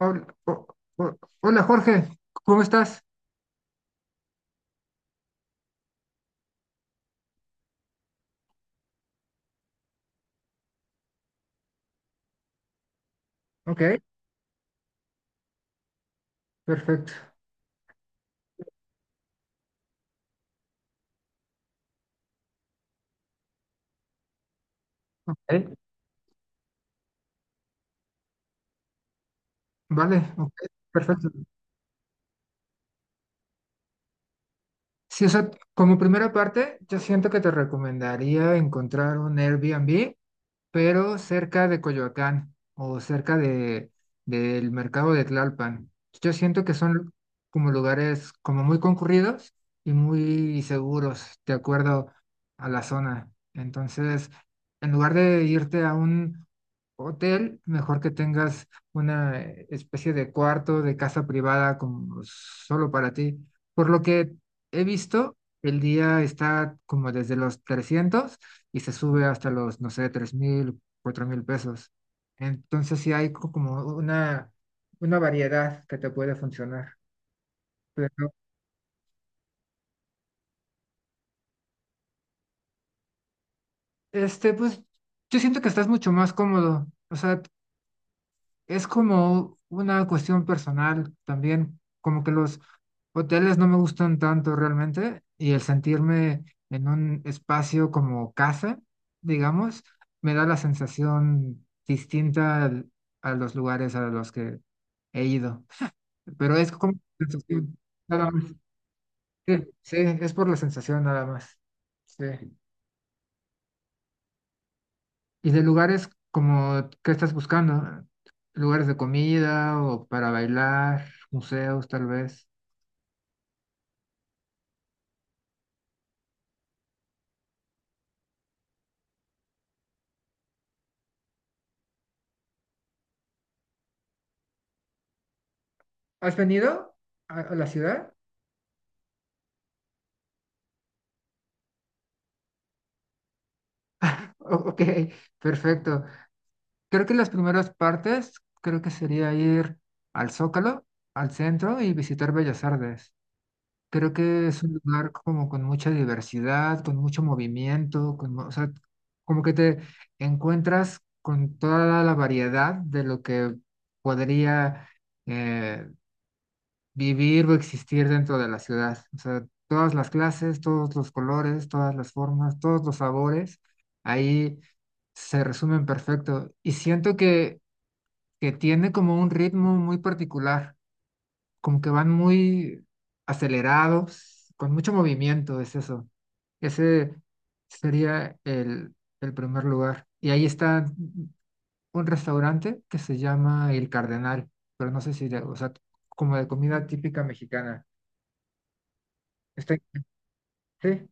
Hol- ho- Hola Jorge, ¿cómo estás? Ok, perfecto. ¿Eh? Vale, ok, perfecto. Sí, o sea, como primera parte, yo siento que te recomendaría encontrar un Airbnb pero cerca de Coyoacán o cerca del mercado de Tlalpan. Yo siento que son como lugares como muy concurridos y muy seguros, de acuerdo a la zona. Entonces, en lugar de irte a un hotel, mejor que tengas una especie de cuarto, de casa privada como solo para ti. Por lo que he visto, el día está como desde los 300 y se sube hasta los, no sé, 3.000, 4.000 pesos. Entonces sí hay como una variedad que te puede funcionar. Pero pues yo siento que estás mucho más cómodo. O sea, es como una cuestión personal también, como que los hoteles no me gustan tanto realmente y el sentirme en un espacio como casa, digamos, me da la sensación distinta a los lugares a los que he ido. Pero es como sensación, nada más. Sí, sí, es por la sensación nada más. Sí. Y de lugares como, ¿qué estás buscando? Lugares de comida o para bailar, museos tal vez. ¿Has venido a la ciudad? Ok, perfecto. Creo que las primeras partes, creo que sería ir al Zócalo, al centro y visitar Bellas Artes. Creo que es un lugar como con mucha diversidad, con mucho movimiento, con, o sea, como que te encuentras con toda la variedad de lo que podría eh, vivir o existir dentro de la ciudad. O sea, todas las clases, todos los colores, todas las formas, todos los sabores, ahí se resumen perfecto. Y siento que tiene como un ritmo muy particular como que van muy acelerados, con mucho movimiento, es eso. Ese sería el primer lugar. Y ahí está un restaurante que se llama El Cardenal, pero no sé si, o sea, como de comida típica mexicana. Está, sí,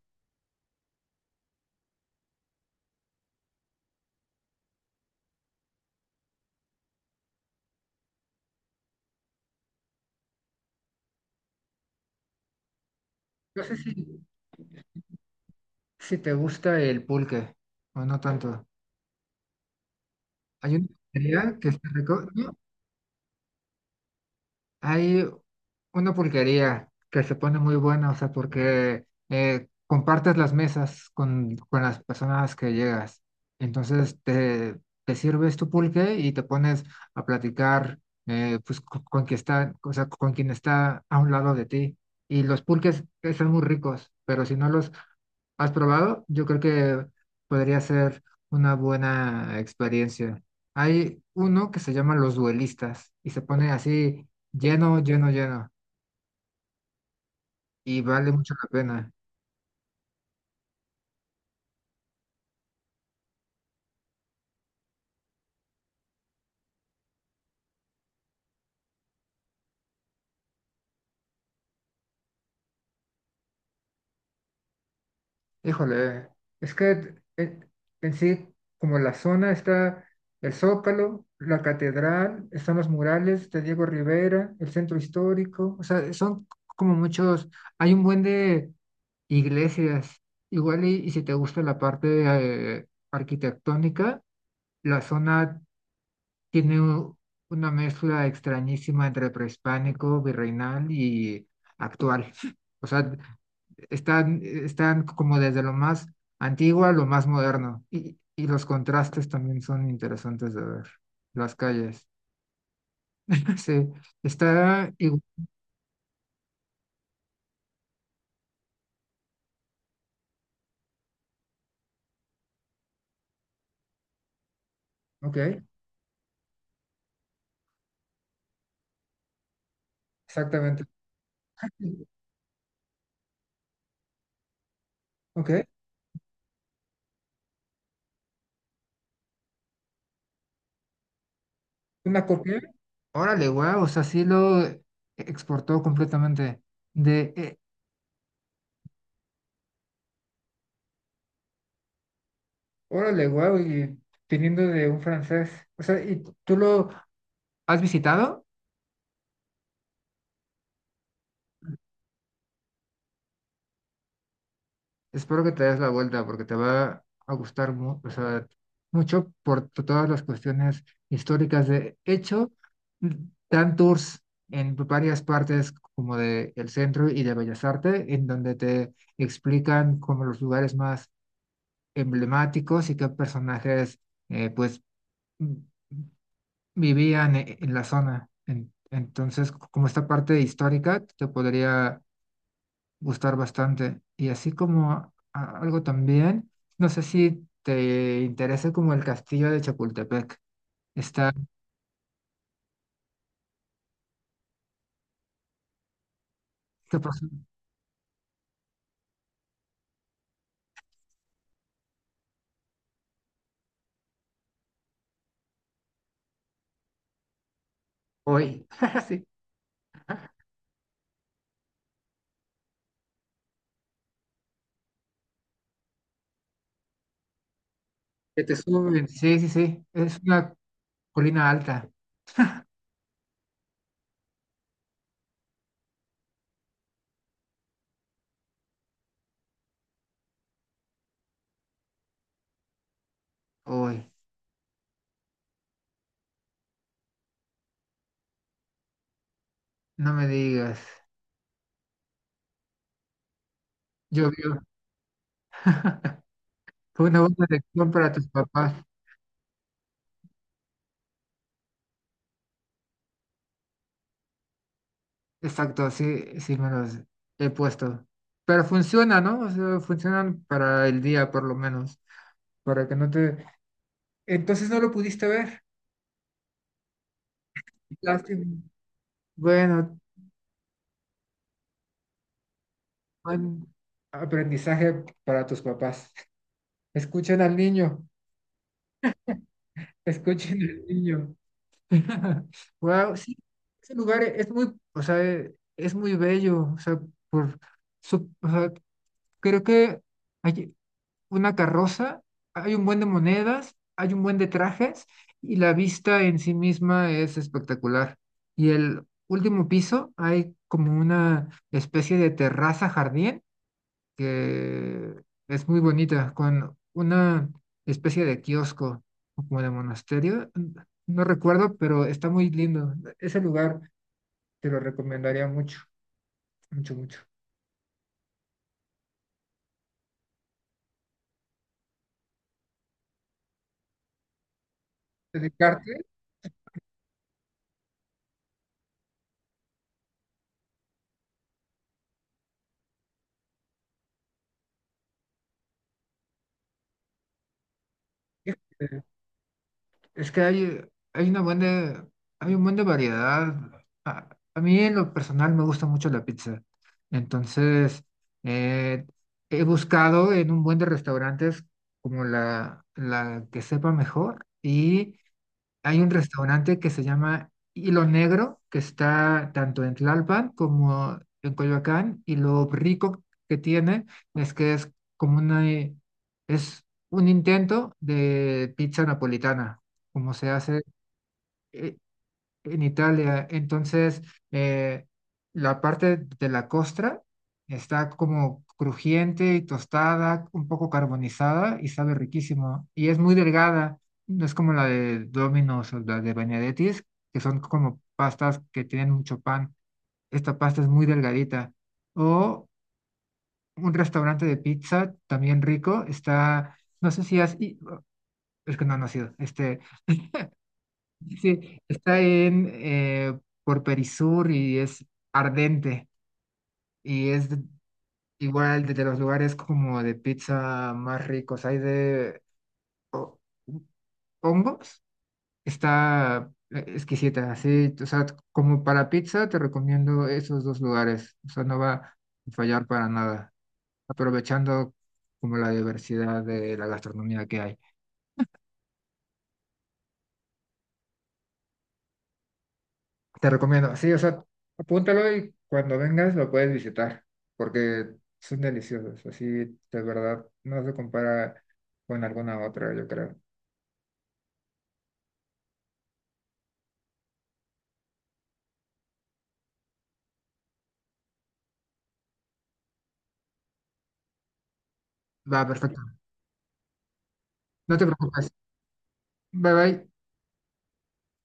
no sé si te gusta el pulque o no tanto. Hay una pizzería que está rico. Hay una pulquería que se pone muy buena, o sea, porque compartes las mesas con las personas que llegas. Entonces te sirves tu pulque y te pones a platicar pues, con, quien está, o sea, con quien está a un lado de ti. Y los pulques están muy ricos, pero si no los ¿Has probado? Yo creo que podría ser una buena experiencia. Hay uno que se llama Los Duelistas y se pone así lleno, lleno, lleno y vale mucho la pena. Híjole, es que en sí, como la zona está el Zócalo, la catedral, están los murales de Diego Rivera, el centro histórico, o sea, son como muchos, hay un buen de Iglesias, igual y si te gusta la parte arquitectónica, la zona tiene una mezcla extrañísima entre prehispánico, virreinal y actual. O sea, están como desde lo más antiguo a lo más moderno. Y los contrastes también son interesantes de ver. Las calles. Sí, está igual. Ok, exactamente. Ok, una copia. Órale, guau, o sea, sí lo exportó completamente. De, eh, órale, guau, y viniendo de un francés. O sea, ¿y tú lo has visitado? Espero que te des la vuelta porque te va a gustar o sea, mucho por todas las cuestiones históricas. De hecho, mm, dan tours en varias partes como de el centro y de Bellas Artes, en donde te explican como los lugares más emblemáticos y qué personajes, pues vivían en la zona. Entonces, como esta parte histórica te podría gustar bastante. Y así como algo también, no sé si te interesa como el castillo de Chapultepec. Está, ¿qué pasó? Hoy, sí, que te suben. Sí, sí, sí. Es una colina alta. Hoy, no me digas. Llovió. Fue una buena lección para tus papás. Exacto, sí, sí me los he puesto. Pero funciona, ¿no? O sea, funcionan para el día por lo menos, para que no te... Entonces no lo pudiste ver. Lástima. Bueno, buen aprendizaje para tus papás. Escuchen al niño, escuchen al niño. Wow, sí, ese lugar es muy, o sea, es muy bello, o sea, por su, o sea, creo que allí- una carroza, hay un buen de monedas, hay un buen de trajes y la vista en sí misma es espectacular. Y el último piso hay como una especie de terraza jardín que es muy bonita, con una especie de kiosco o como de monasterio. No recuerdo, pero está muy lindo. Ese lugar te lo recomendaría mucho, mucho, mucho. Dedicarte, es que hay una buena, hay un buen de variedad. A, a mí en lo personal me gusta mucho la pizza. Entonces, eh, he buscado en un buen de restaurantes como la que sepa mejor y hay un restaurante que se llama Hilo Negro, que está tanto en Tlalpan como en Coyoacán, y lo rico que tiene es que es como es un intento de pizza napolitana, como se hace. eh, en Italia. Entonces, eh, la parte de la costra está como crujiente y tostada, un poco carbonizada y sabe riquísimo. Y es muy delgada, no es como la de Domino's o la de Benedetti's, que son como pastas que tienen mucho pan. Esta pasta es muy delgadita. O un restaurante de pizza también rico, está, no sé si es que no ha sido, este. Sí, está en por Perisur y es ardente y es igual de los lugares como de pizza más ricos. Hay de ho- hongos, está exquisita, sí, o sea, como para pizza te recomiendo esos dos lugares, o sea, no va a fallar para nada, aprovechando como la diversidad de la gastronomía que hay. Te recomiendo, sí, o sea, apúntalo y cuando vengas lo puedes visitar, porque son deliciosos, así de verdad no se compara con alguna otra, yo creo. Va, perfecto. No te preocupes. Bye bye.